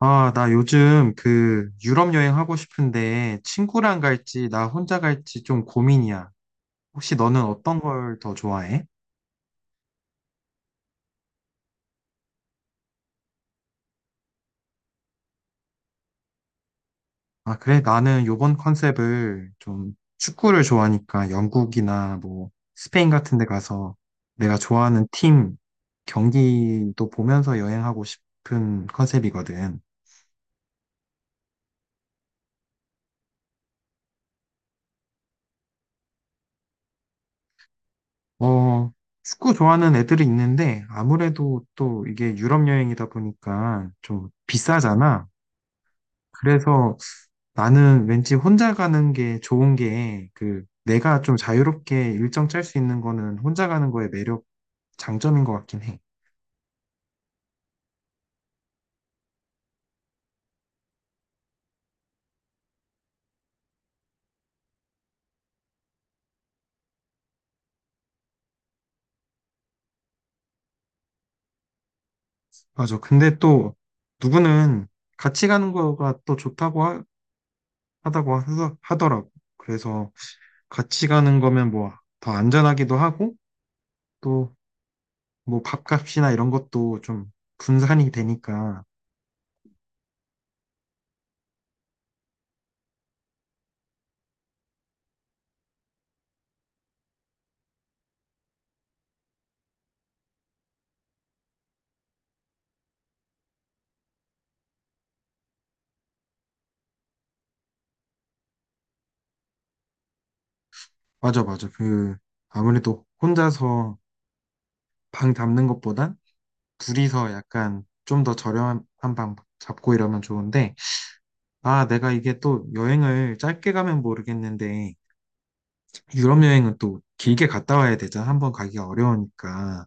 아, 나 요즘 그 유럽 여행 하고 싶은데 친구랑 갈지 나 혼자 갈지 좀 고민이야. 혹시 너는 어떤 걸 더 좋아해? 아, 그래? 나는 요번 컨셉을 좀 축구를 좋아하니까 영국이나 뭐 스페인 같은 데 가서 내가 좋아하는 팀 경기도 보면서 여행하고 싶은 컨셉이거든. 어, 축구 좋아하는 애들이 있는데 아무래도 또 이게 유럽 여행이다 보니까 좀 비싸잖아. 그래서 나는 왠지 혼자 가는 게 좋은 게, 그, 내가 좀 자유롭게 일정 짤 수 있는 거는 혼자 가는 거의 매력, 장점인 것 같긴 해. 맞아. 근데 또, 누구는 같이 가는 거가 또 좋다고 하, 다고 하, 하더라고. 그래서 같이 가는 거면 뭐, 더 안전하기도 하고, 또, 뭐, 밥값이나 이런 것도 좀 분산이 되니까. 맞아, 맞아. 그, 아무래도 혼자서 방 잡는 것보단 둘이서 약간 좀 더 저렴한 방 잡고 이러면 좋은데, 아, 내가 이게 또 여행을 짧게 가면 모르겠는데, 유럽 여행은 또 길게 갔다 와야 되잖아. 한 번 가기가 어려우니까.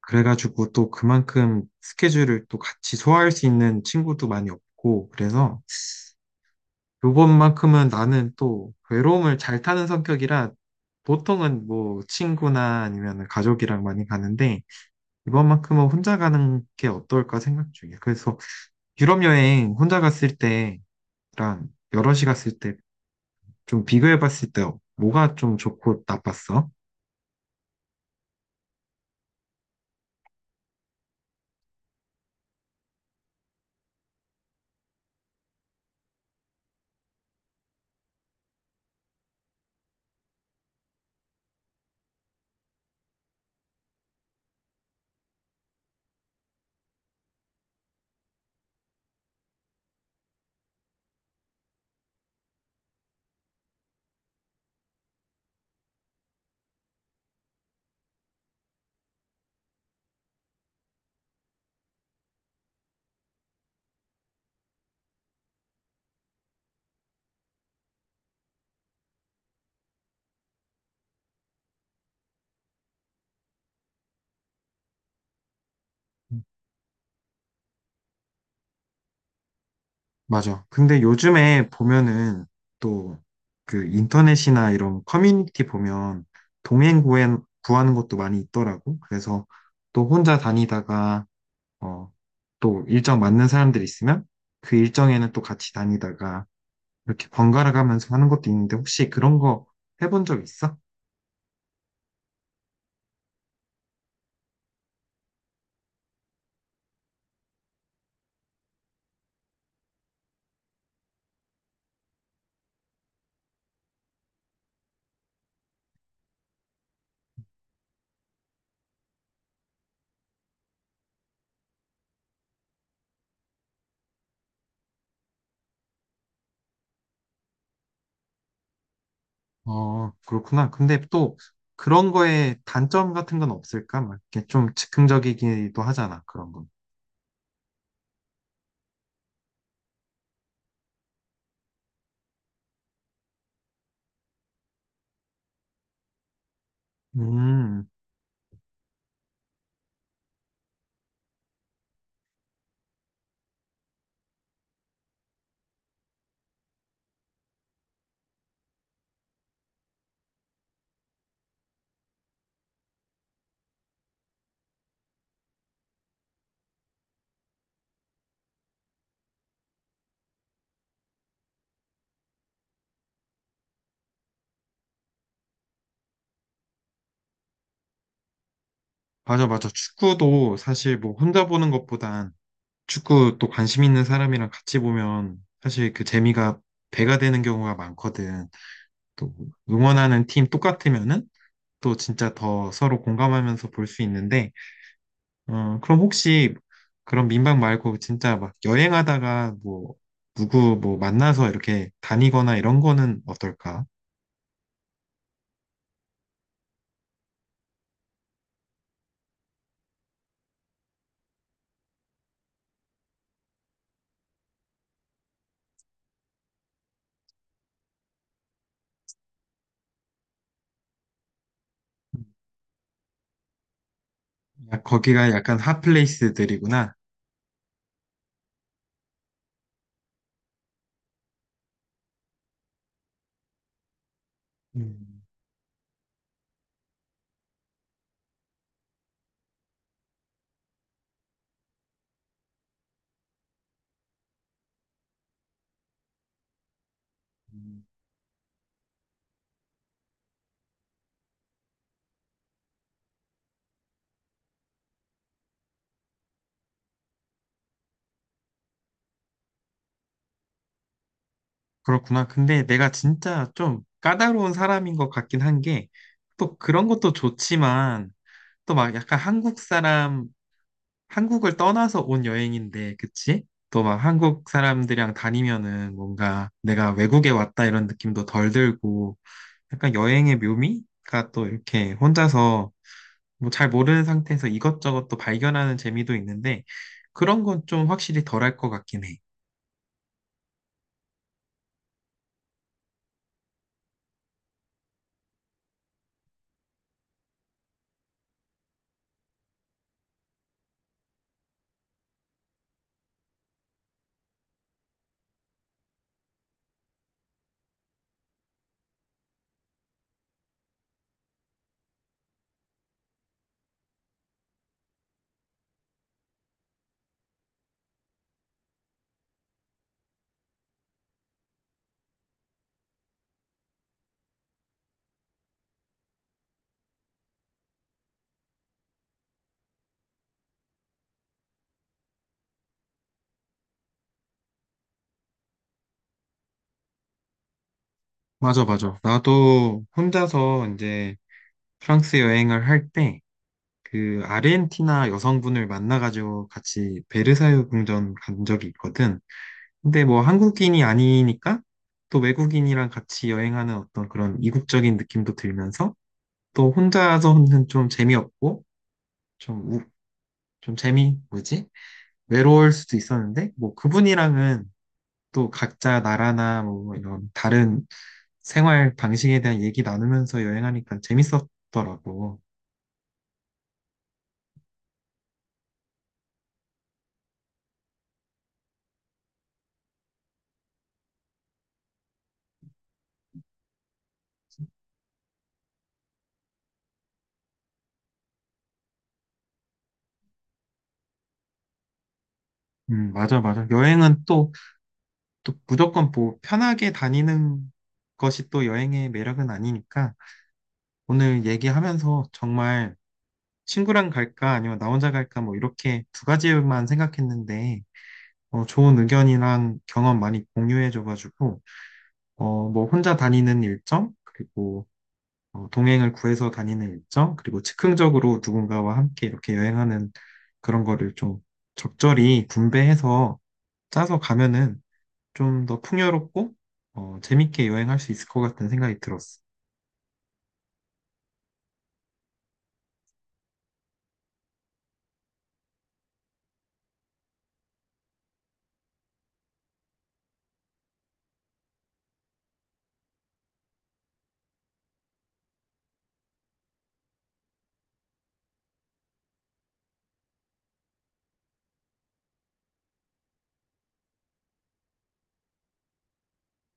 그래가지고 또 그만큼 스케줄을 또 같이 소화할 수 있는 친구도 많이 없고, 그래서 요번만큼은 나는 또 외로움을 잘 타는 성격이라 보통은 뭐 친구나 아니면 가족이랑 많이 가는데, 이번만큼은 혼자 가는 게 어떨까 생각 중이야. 그래서 유럽 여행 혼자 갔을 때랑 여럿이 갔을 때 좀 비교해 봤을 때 뭐가 좀 좋고 나빴어? 맞아. 근데 요즘에 보면은 또 그 인터넷이나 이런 커뮤니티 보면 동행 구한, 구하는 것도 많이 있더라고. 그래서 또 혼자 다니다가 어, 또 일정 맞는 사람들 있으면 그 일정에는 또 같이 다니다가 이렇게 번갈아 가면서 하는 것도 있는데 혹시 그런 거 해본 적 있어? 어, 그렇구나. 근데 또 그런 거에 단점 같은 건 없을까? 막 이렇게 좀 즉흥적이기도 하잖아, 그런 건. 음, 맞아, 맞아. 축구도 사실 뭐 혼자 보는 것보단 축구 또 관심 있는 사람이랑 같이 보면 사실 그 재미가 배가 되는 경우가 많거든. 또 응원하는 팀 똑같으면은 또 진짜 더 서로 공감하면서 볼 수 있는데 어, 그럼 혹시 그런 민박 말고 진짜 막 여행하다가 뭐 누구 뭐 만나서 이렇게 다니거나 이런 거는 어떨까? 야, 거기가 약간 핫플레이스들이구나. 음, 음, 그렇구나. 근데 내가 진짜 좀 까다로운 사람인 것 같긴 한 게, 또 그런 것도 좋지만, 또 막 약간 한국 사람, 한국을 떠나서 온 여행인데, 그치? 또 막 한국 사람들이랑 다니면은 뭔가 내가 외국에 왔다 이런 느낌도 덜 들고, 약간 여행의 묘미가 또 이렇게 혼자서 뭐 잘 모르는 상태에서 이것저것 또 발견하는 재미도 있는데 그런 건 좀 확실히 덜할 것 같긴 해. 맞아, 맞아. 나도 혼자서 이제 프랑스 여행을 할 때 그 아르헨티나 여성분을 만나가지고 같이 베르사유 궁전 간 적이 있거든. 근데 뭐 한국인이 아니니까 또 외국인이랑 같이 여행하는 어떤 그런 이국적인 느낌도 들면서 또 혼자서는 좀 재미없고 좀 좀 재미, 뭐지? 외로울 수도 있었는데, 뭐 그분이랑은 또 각자 나라나 뭐 이런 다른 생활 방식에 대한 얘기 나누면서 여행하니까 재밌었더라고. 맞아, 맞아. 여행은 또, 또 무조건 뭐 편하게 다니는 것이 또 여행의 매력은 아니니까 오늘 얘기하면서 정말 친구랑 갈까 아니면 나 혼자 갈까 뭐 이렇게 두 가지만 생각했는데 어, 좋은 의견이랑 경험 많이 공유해줘가지고 어, 뭐 혼자 다니는 일정, 그리고 어, 동행을 구해서 다니는 일정, 그리고 즉흥적으로 누군가와 함께 이렇게 여행하는 그런 거를 좀 적절히 분배해서 짜서 가면은 좀 더 풍요롭고 어, 재밌게 여행할 수 있을 것 같다는 생각이 들었어.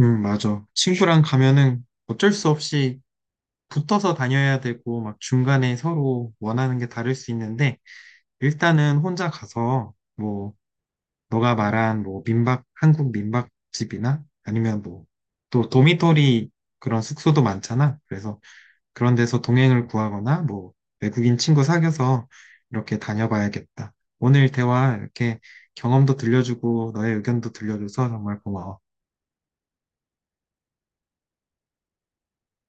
맞아. 친구랑 가면은 어쩔 수 없이 붙어서 다녀야 되고, 막 중간에 서로 원하는 게 다를 수 있는데, 일단은 혼자 가서, 뭐, 너가 말한 뭐 민박, 한국 민박집이나 아니면 뭐 또 도미토리 그런 숙소도 많잖아. 그래서 그런 데서 동행을 구하거나 뭐 외국인 친구 사귀어서 이렇게 다녀봐야겠다. 오늘 대화 이렇게 경험도 들려주고 너의 의견도 들려줘서 정말 고마워.